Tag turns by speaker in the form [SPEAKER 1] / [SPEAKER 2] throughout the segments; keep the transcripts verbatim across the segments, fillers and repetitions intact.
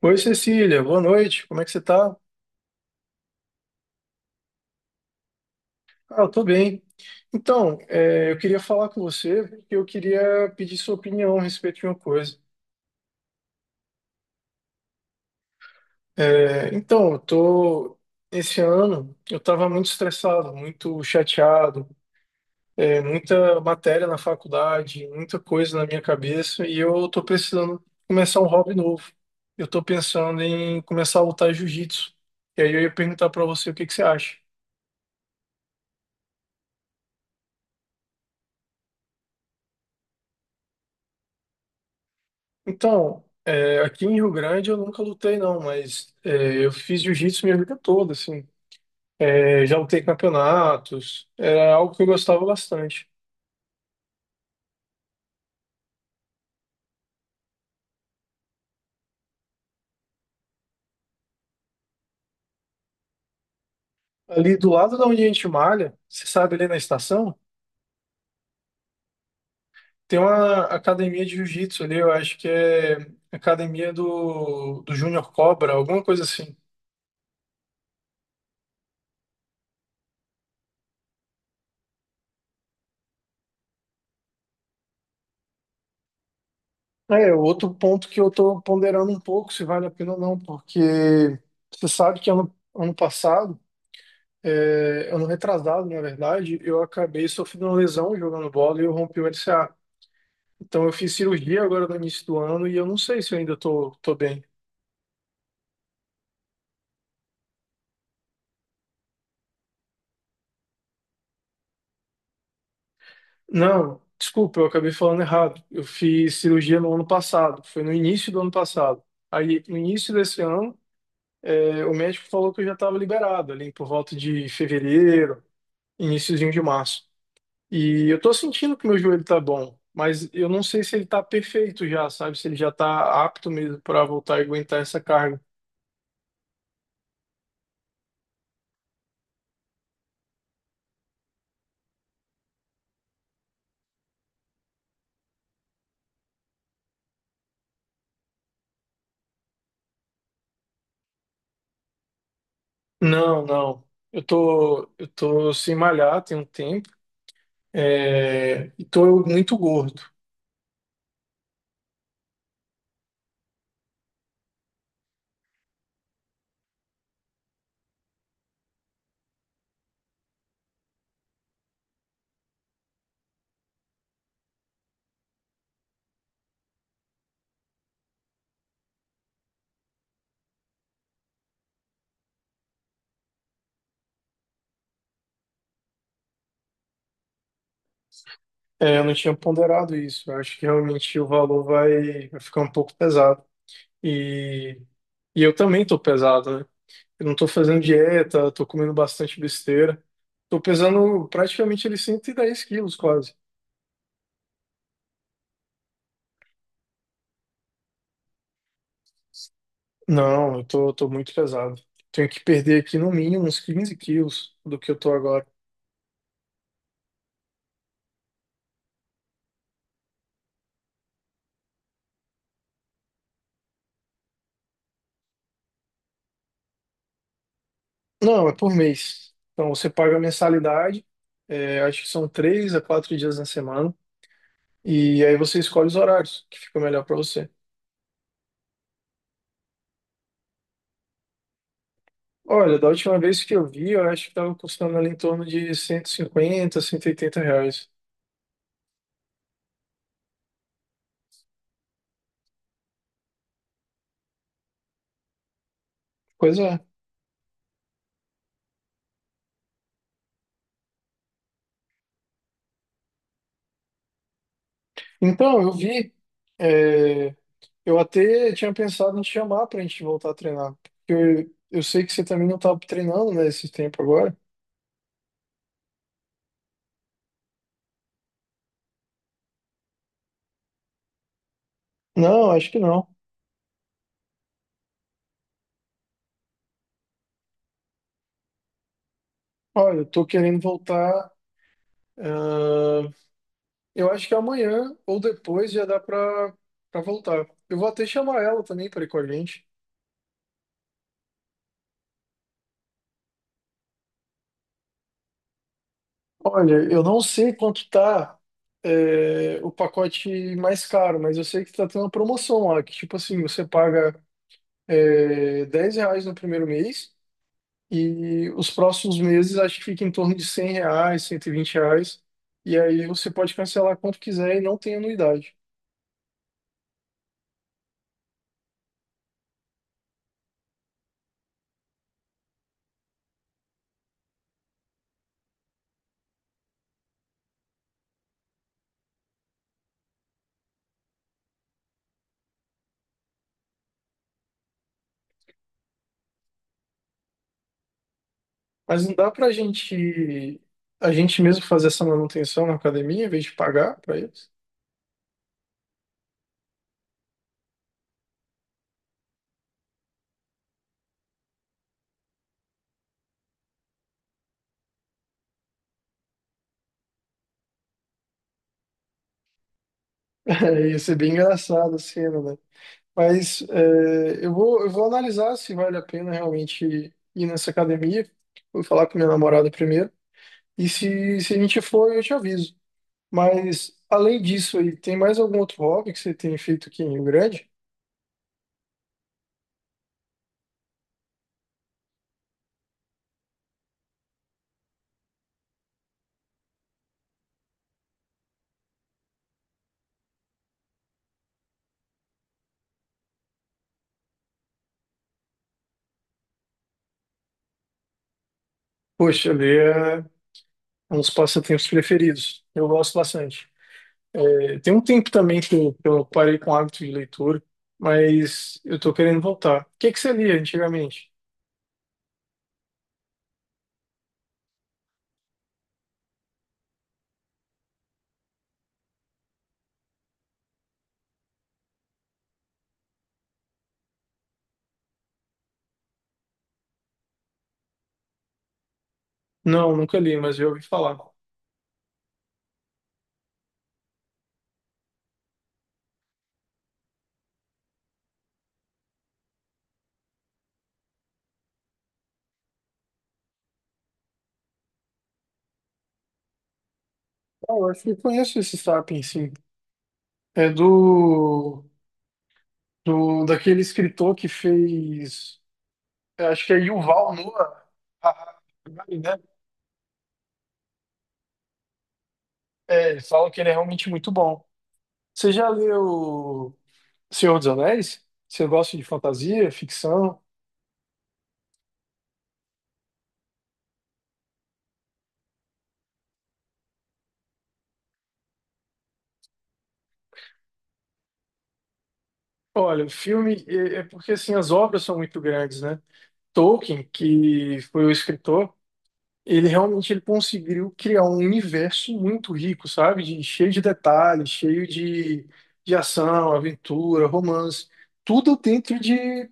[SPEAKER 1] Oi, Cecília, boa noite. Como é que você tá? Ah, eu tô bem. Então, é, eu queria falar com você porque eu queria pedir sua opinião a respeito de uma coisa. É, então, eu tô esse ano eu estava muito estressado, muito chateado, é, muita matéria na faculdade, muita coisa na minha cabeça e eu tô precisando começar um hobby novo. Eu tô pensando em começar a lutar jiu-jitsu. E aí eu ia perguntar para você o que que você acha. Então, é, aqui em Rio Grande eu nunca lutei não, mas é, eu fiz jiu-jitsu minha vida toda, assim. É, já lutei campeonatos, era algo que eu gostava bastante. Ali do lado da onde a gente malha, você sabe, ali na estação, tem uma academia de jiu-jitsu ali, eu acho que é academia do, do Júnior Cobra, alguma coisa assim. É, outro ponto que eu tô ponderando um pouco se vale a pena ou não, porque você sabe que ano, ano passado, É, ano retrasado, na verdade, eu acabei sofrendo uma lesão jogando bola e eu rompi o L C A. Então eu fiz cirurgia agora no início do ano e eu não sei se eu ainda tô, tô bem. Não, desculpa, eu acabei falando errado. Eu fiz cirurgia no ano passado, foi no início do ano passado. Aí, no início desse ano, é, o médico falou que eu já estava liberado, ali por volta de fevereiro, iniciozinho de março. E eu tô sentindo que meu joelho tá bom, mas eu não sei se ele tá perfeito já, sabe? Se ele já tá apto mesmo para voltar e aguentar essa carga. Não, não. Eu tô, eu tô sem malhar tem um tempo, é, e tô muito gordo. É, eu não tinha ponderado isso. Eu acho que realmente o valor vai, vai ficar um pouco pesado. E, e eu também tô pesado, né? Eu não tô fazendo dieta, tô comendo bastante besteira. Tô pesando praticamente ele cento e dez quilos quase. Não, eu tô, tô muito pesado. Tenho que perder aqui no mínimo uns quinze quilos do que eu tô agora. Não, é por mês. Então você paga a mensalidade, é, acho que são três a quatro dias na semana, e aí você escolhe os horários que ficam melhor para você. Olha, da última vez que eu vi, eu acho que tava custando ali em torno de cento cento e cinquenta, cento e oitenta reais. Pois é. Então, eu vi, é, eu até tinha pensado em te chamar para a gente voltar a treinar, porque eu, eu sei que você também não estava treinando, né, esse tempo agora. Não, acho que não. Olha, eu tô querendo voltar. ah, eu acho que amanhã ou depois já dá pra, pra voltar. Eu vou até chamar ela também para ir com a gente. Olha, eu não sei quanto tá, é, o pacote mais caro, mas eu sei que tá tendo uma promoção lá, que tipo assim, você paga, é, dez reais no primeiro mês e os próximos meses acho que fica em torno de cem reais, cento e vinte reais. E aí você pode cancelar quanto quiser e não tem anuidade. Mas não dá pra gente, a gente mesmo fazer essa manutenção na academia em vez de pagar pra eles? Ia ser bem engraçado a cena, né? Mas é, eu vou, eu vou analisar se vale a pena realmente ir nessa academia. Vou falar com minha namorada primeiro. E se, se a gente for, eu te aviso. Mas além disso aí, tem mais algum outro hobby que você tem feito aqui em Rio Grande? Poxa, ler é um dos passatempos preferidos. Eu gosto bastante. É, tem um tempo também que eu, que eu parei com o hábito de leitura, mas eu tô querendo voltar. O que que você lia antigamente? Não, nunca li, mas eu ouvi falar. Ah, eu acho que eu conheço esse Sapiens, sim. É do, do daquele escritor que fez, eu acho que é Yuval Noah Harari, né? É, eles falam que ele é realmente muito bom. Você já leu Senhor dos Anéis? Você gosta de fantasia, ficção? Olha, o filme é é porque assim as obras são muito grandes, né? Tolkien, que foi o escritor, ele realmente, ele conseguiu criar um universo muito rico, sabe? De- cheio de detalhes, cheio de, de ação, aventura, romance, tudo dentro de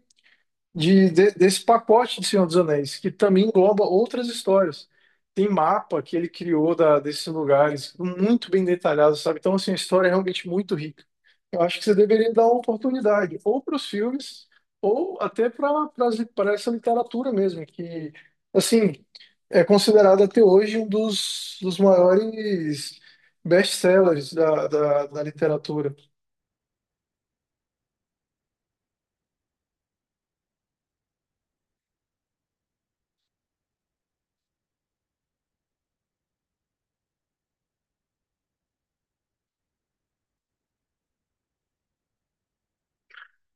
[SPEAKER 1] de, de- desse pacote de Senhor dos Anéis, que também engloba outras histórias. Tem mapa que ele criou da, desses lugares, muito bem detalhado, sabe? Então, assim, a história é realmente muito rica. Eu acho que você deveria dar uma oportunidade, ou para os filmes, ou até para essa literatura mesmo, que, assim, é considerada até hoje um dos, dos maiores best-sellers da, da da literatura.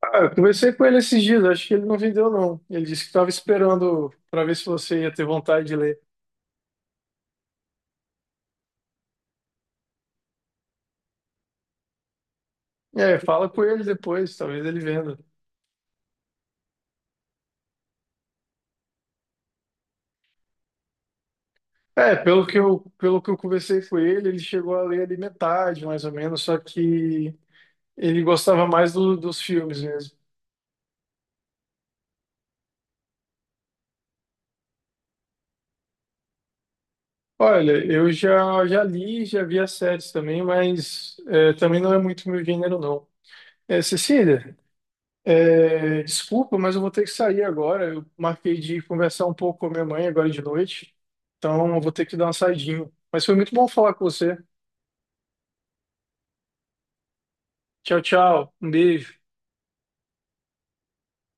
[SPEAKER 1] Ah, eu conversei com ele esses dias, acho que ele não vendeu, não. Ele disse que estava esperando para ver se você ia ter vontade de ler. É, fala com ele depois, talvez ele venda. É, pelo que eu, pelo que eu conversei com ele, ele chegou a ler ali metade, mais ou menos, só que ele gostava mais do- dos filmes mesmo. Olha, eu já, já li, já vi as séries também, mas é, também não é muito meu gênero, não. É, Cecília, É, desculpa, mas eu vou ter que sair agora. Eu marquei de conversar um pouco com a minha mãe agora de noite. Então, eu vou ter que dar uma saidinha. Mas foi muito bom falar com você. Tchau, tchau. Um beijo.